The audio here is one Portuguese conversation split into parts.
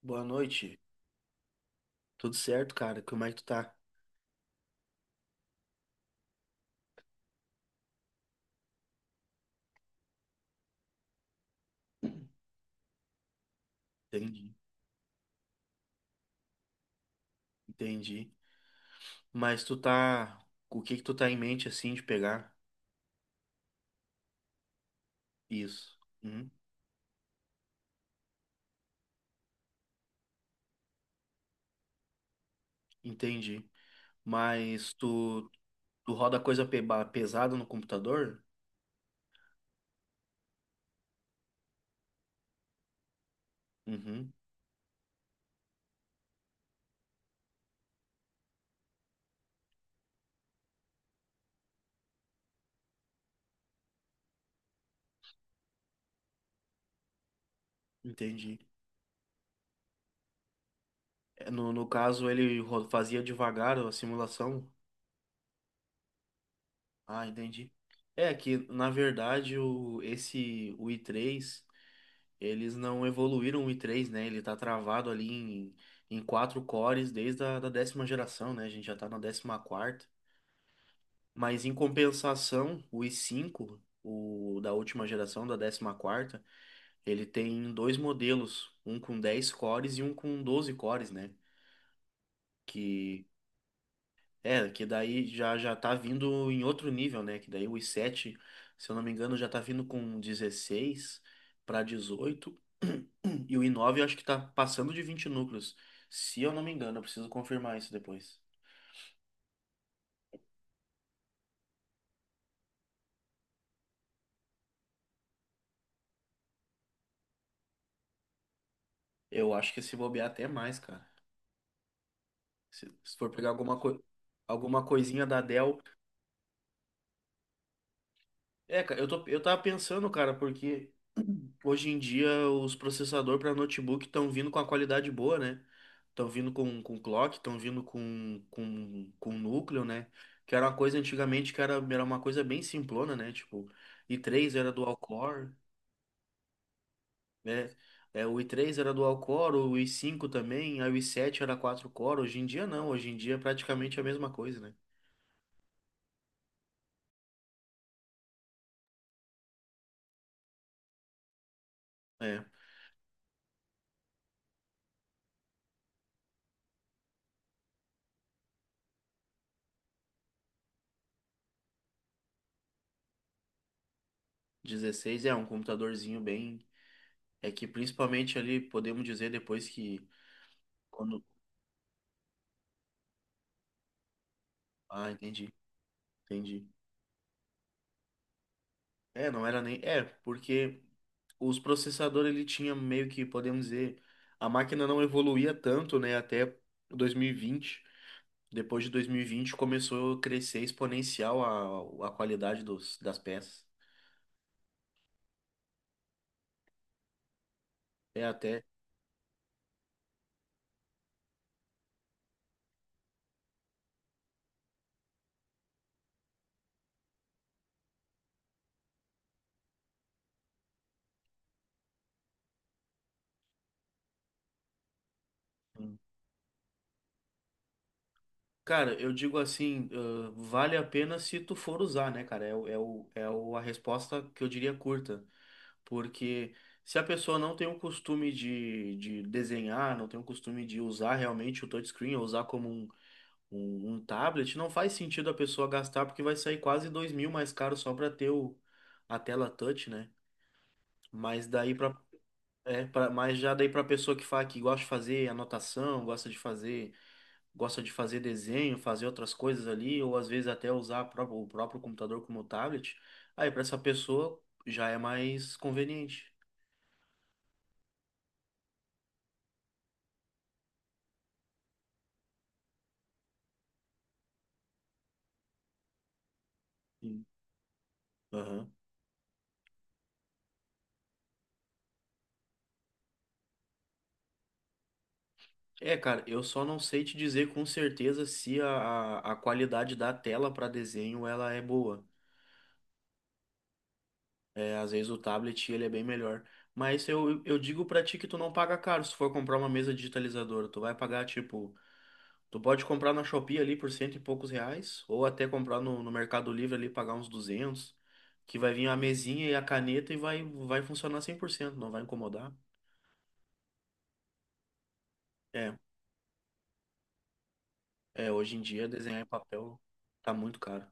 Boa noite. Tudo certo, cara? Como é que tu tá? Entendi, entendi. Mas tu tá. O que que tu tá em mente assim de pegar? Isso. Entendi. Mas tu roda coisa pesada no computador? Uhum, entendi. É, no caso, ele fazia devagar a simulação? Ah, entendi. É que, na verdade, o i três. Eles não evoluíram o i3, né? Ele tá travado ali em quatro cores desde a da décima geração, né? A gente já tá na décima quarta. Mas em compensação, o i5, o da última geração, da décima quarta, ele tem dois modelos, um com 10 cores e um com 12 cores, né? que É, que daí já já tá vindo em outro nível, né? Que daí o i7, se eu não me engano, já tá vindo com 16 para 18. E o i9 eu acho que tá passando de 20 núcleos. Se eu não me engano, eu preciso confirmar isso depois. Eu acho que se bobear até mais, cara. Se for pegar alguma coisinha da Dell. É, cara, eu tava pensando, cara, porque hoje em dia, os processadores para notebook estão vindo com a qualidade boa, né? Estão vindo com clock, estão vindo com núcleo, né? Que era uma coisa antigamente que era uma coisa bem simplona, né? Tipo, i3 era dual core, né? É, o i3 era dual core, o i5 também, aí o i7 era quatro core. Hoje em dia, não. Hoje em dia é praticamente a mesma coisa, né? É, 16 é um computadorzinho bem. É que principalmente ali, podemos dizer depois que. Quando... Ah, entendi, entendi. É, não era nem. É, porque os processadores ele tinha meio que, podemos dizer, a máquina não evoluía tanto, né, até 2020. Depois de 2020 começou a crescer exponencial a qualidade dos, das peças. É até. Cara, eu digo assim, vale a pena se tu for usar, né, cara? A resposta que eu diria curta. Porque se a pessoa não tem o costume de desenhar, não tem o costume de usar realmente o touchscreen, ou usar como um. Um tablet não faz sentido a pessoa gastar porque vai sair quase dois mil mais caro só para ter a tela touch, né? Mas daí para é, pra, mas Já daí para pessoa que gosta de fazer anotação, gosta de fazer desenho, fazer outras coisas ali, ou às vezes até usar o próprio computador como tablet, aí para essa pessoa já é mais conveniente. Sim. Aham. É, cara, eu só não sei te dizer com certeza se a qualidade da tela para desenho ela é boa. É, às vezes o tablet ele é bem melhor. Mas eu digo pra ti que tu não paga caro se for comprar uma mesa digitalizadora. Tu vai pagar, tipo, tu pode comprar na Shopee ali por cento e poucos reais, ou até comprar no Mercado Livre ali pagar uns 200 que vai vir a mesinha e a caneta e vai funcionar 100% não vai incomodar. É, é, hoje em dia desenhar em papel tá muito caro.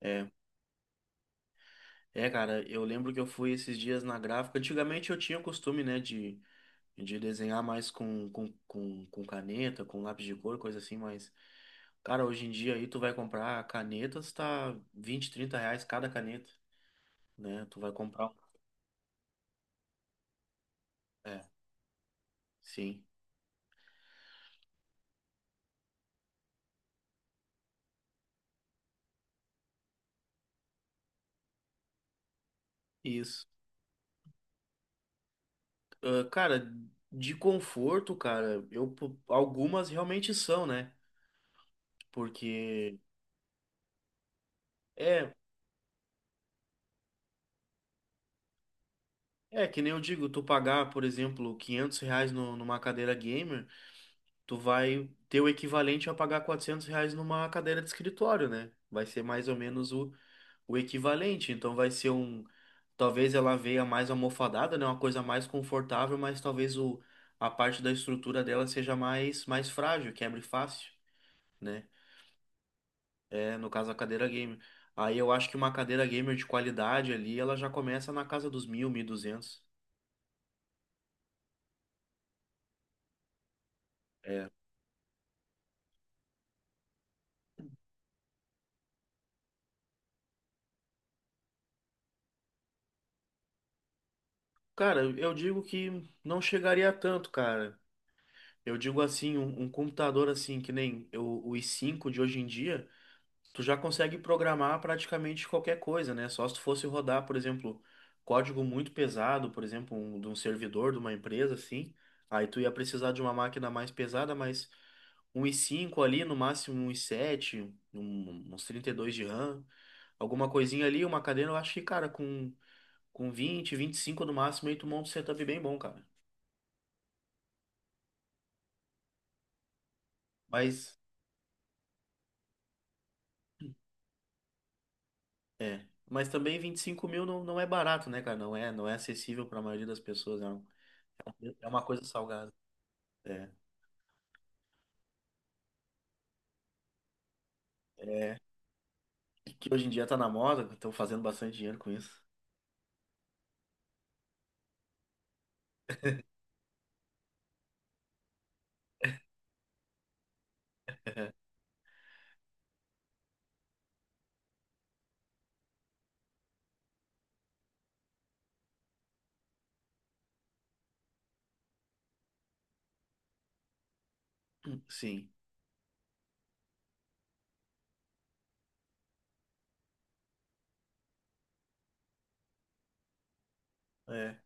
É, é, cara, eu lembro que eu fui esses dias na gráfica. Antigamente eu tinha o costume, né, de desenhar mais com caneta, com lápis de cor, coisa assim, mas, cara, hoje em dia aí tu vai comprar canetas, tá 20 30 reais cada caneta, né? Tu vai comprar. É, sim, isso. Ah, cara, de conforto, cara, algumas realmente são, né? Porque é. É, que nem eu digo, tu pagar, por exemplo, 500 reais numa cadeira gamer, tu vai ter o equivalente a pagar 400 reais numa cadeira de escritório, né? Vai ser mais ou menos o equivalente. Então vai ser um. Talvez ela venha mais almofadada, né? Uma coisa mais confortável, mas talvez a parte da estrutura dela seja mais frágil, quebre fácil, né? É, no caso a cadeira gamer. Aí eu acho que uma cadeira gamer de qualidade ali, ela já começa na casa dos mil, mil e duzentos. É. Cara, eu digo que não chegaria a tanto, cara. Eu digo assim, um computador assim, que nem o i5 de hoje em dia. Tu já consegue programar praticamente qualquer coisa, né? Só se tu fosse rodar, por exemplo, código muito pesado, por exemplo, de um servidor de uma empresa, assim, aí tu ia precisar de uma máquina mais pesada, mas um i5 ali, no máximo um i7, uns 32 de RAM, alguma coisinha ali, uma cadeira, eu acho que, cara, com vinte, vinte e cinco no máximo, aí tu monta um setup bem bom, cara. Mas, Mas também 25 mil não é barato, né, cara? Não é acessível para a maioria das pessoas. É uma coisa salgada. É. É, que hoje em dia tá na moda, estão fazendo bastante dinheiro com isso. Sim. É.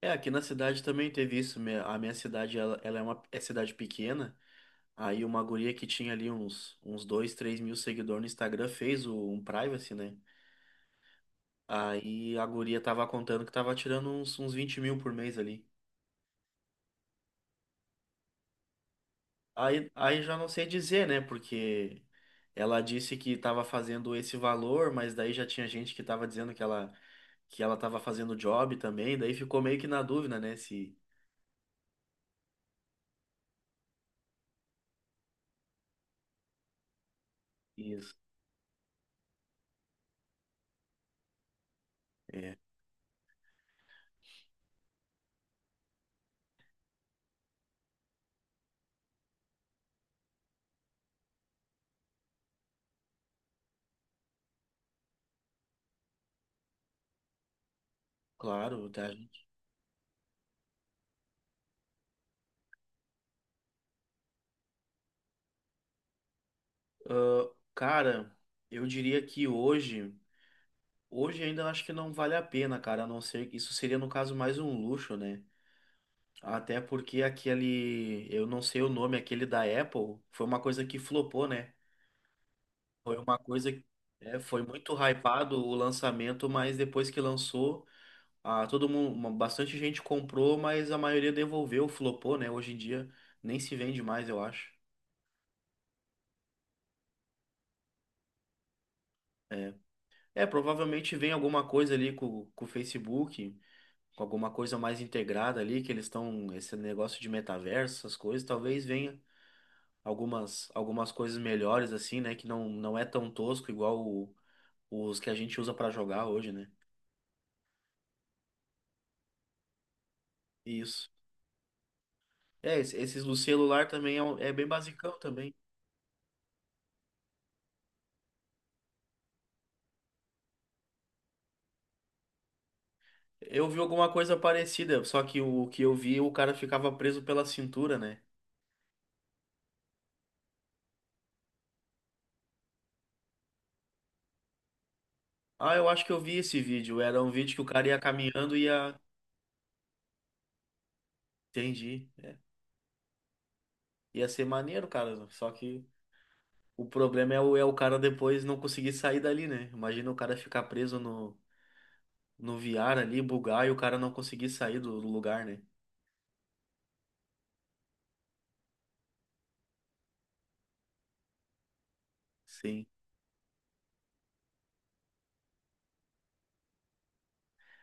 É, aqui na cidade também teve isso. A minha cidade, ela é uma cidade pequena. Aí uma guria que tinha ali uns 2 3 mil seguidores no Instagram fez um privacy, né? Aí a guria tava contando que tava tirando uns 20 mil por mês ali. Aí já não sei dizer, né? Porque ela disse que estava fazendo esse valor, mas daí já tinha gente que estava dizendo que ela estava fazendo job também, daí ficou meio que na dúvida, né? Se isso, claro, tá, gente. Ah, cara, eu diria que hoje, ainda eu acho que não vale a pena, cara, a não ser que isso seria no caso mais um luxo, né? Até porque aquele, eu não sei o nome, aquele da Apple, foi uma coisa que flopou, né? Foi uma coisa foi muito hypado o lançamento, mas depois que lançou, ah, bastante gente comprou, mas a maioria devolveu, flopou, né? Hoje em dia nem se vende mais, eu acho. É, é provavelmente vem alguma coisa ali com o Facebook, com alguma coisa mais integrada ali, que eles estão, esse negócio de metaverso, essas coisas, talvez venha algumas coisas melhores assim, né? Que não é tão tosco igual os que a gente usa pra jogar hoje, né? Isso. É, esses do celular também é bem basicão também. Eu vi alguma coisa parecida, só que o que eu vi, o cara ficava preso pela cintura, né? Ah, eu acho que eu vi esse vídeo. Era um vídeo que o cara ia caminhando e ia. Entendi. Ia ser maneiro, cara. Só que o problema é o cara depois não conseguir sair dali, né? Imagina o cara ficar preso no VR ali, bugar e o cara não conseguir sair do lugar, né? Sim.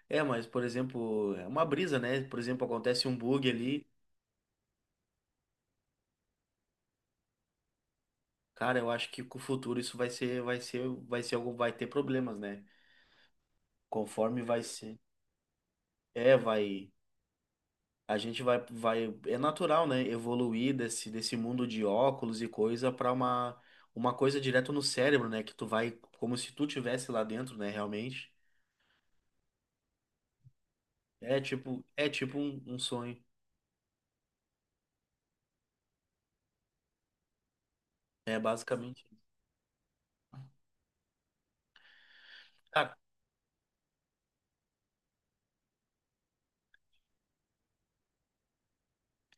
É, mas, por exemplo, é uma brisa, né? Por exemplo, acontece um bug ali. Cara, eu acho que com o futuro isso vai ter problemas, né? Conforme vai ser, é, vai, a gente é natural, né? Evoluir desse mundo de óculos e coisa para uma coisa direto no cérebro, né? Que tu vai, como se tu tivesse lá dentro, né? Realmente, é tipo um sonho, é basicamente. Cara,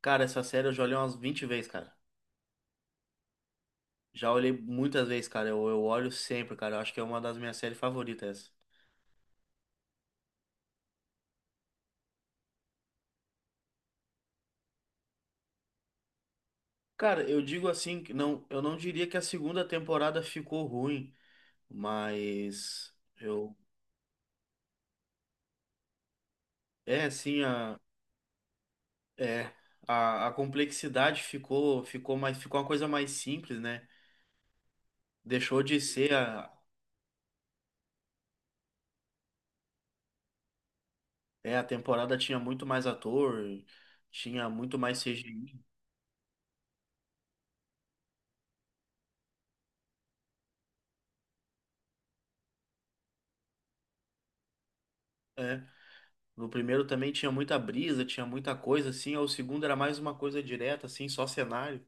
cara, essa série eu já olhei umas 20 vezes, cara. Já olhei muitas vezes, cara. Eu olho sempre, cara. Eu acho que é uma das minhas séries favoritas. Cara, eu digo assim, que não, eu não diria que a segunda temporada ficou ruim, mas eu é assim a é a complexidade ficou uma coisa mais simples, né? Deixou de ser a é a temporada tinha muito mais ator, tinha muito mais CGI, é. No primeiro também tinha muita brisa, tinha muita coisa assim, o segundo era mais uma coisa direta assim, só cenário.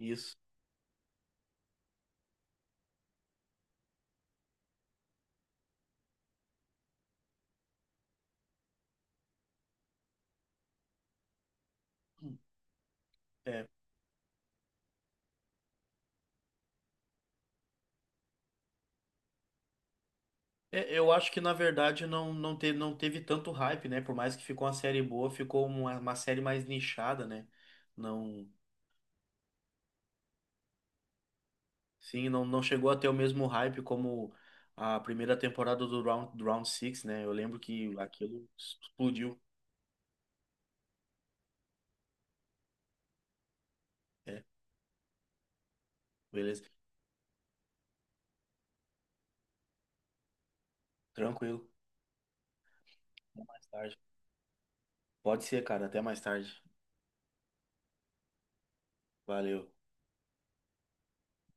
Isso. É, é, eu acho que na verdade não teve tanto hype, né? Por mais que ficou uma série boa, ficou uma série mais nichada, né? Não, sim, não chegou a ter o mesmo hype como a primeira temporada do Round six, né? Eu lembro que aquilo explodiu. É, beleza. Tranquilo. Até mais tarde. Pode ser, cara. Até mais tarde. Valeu.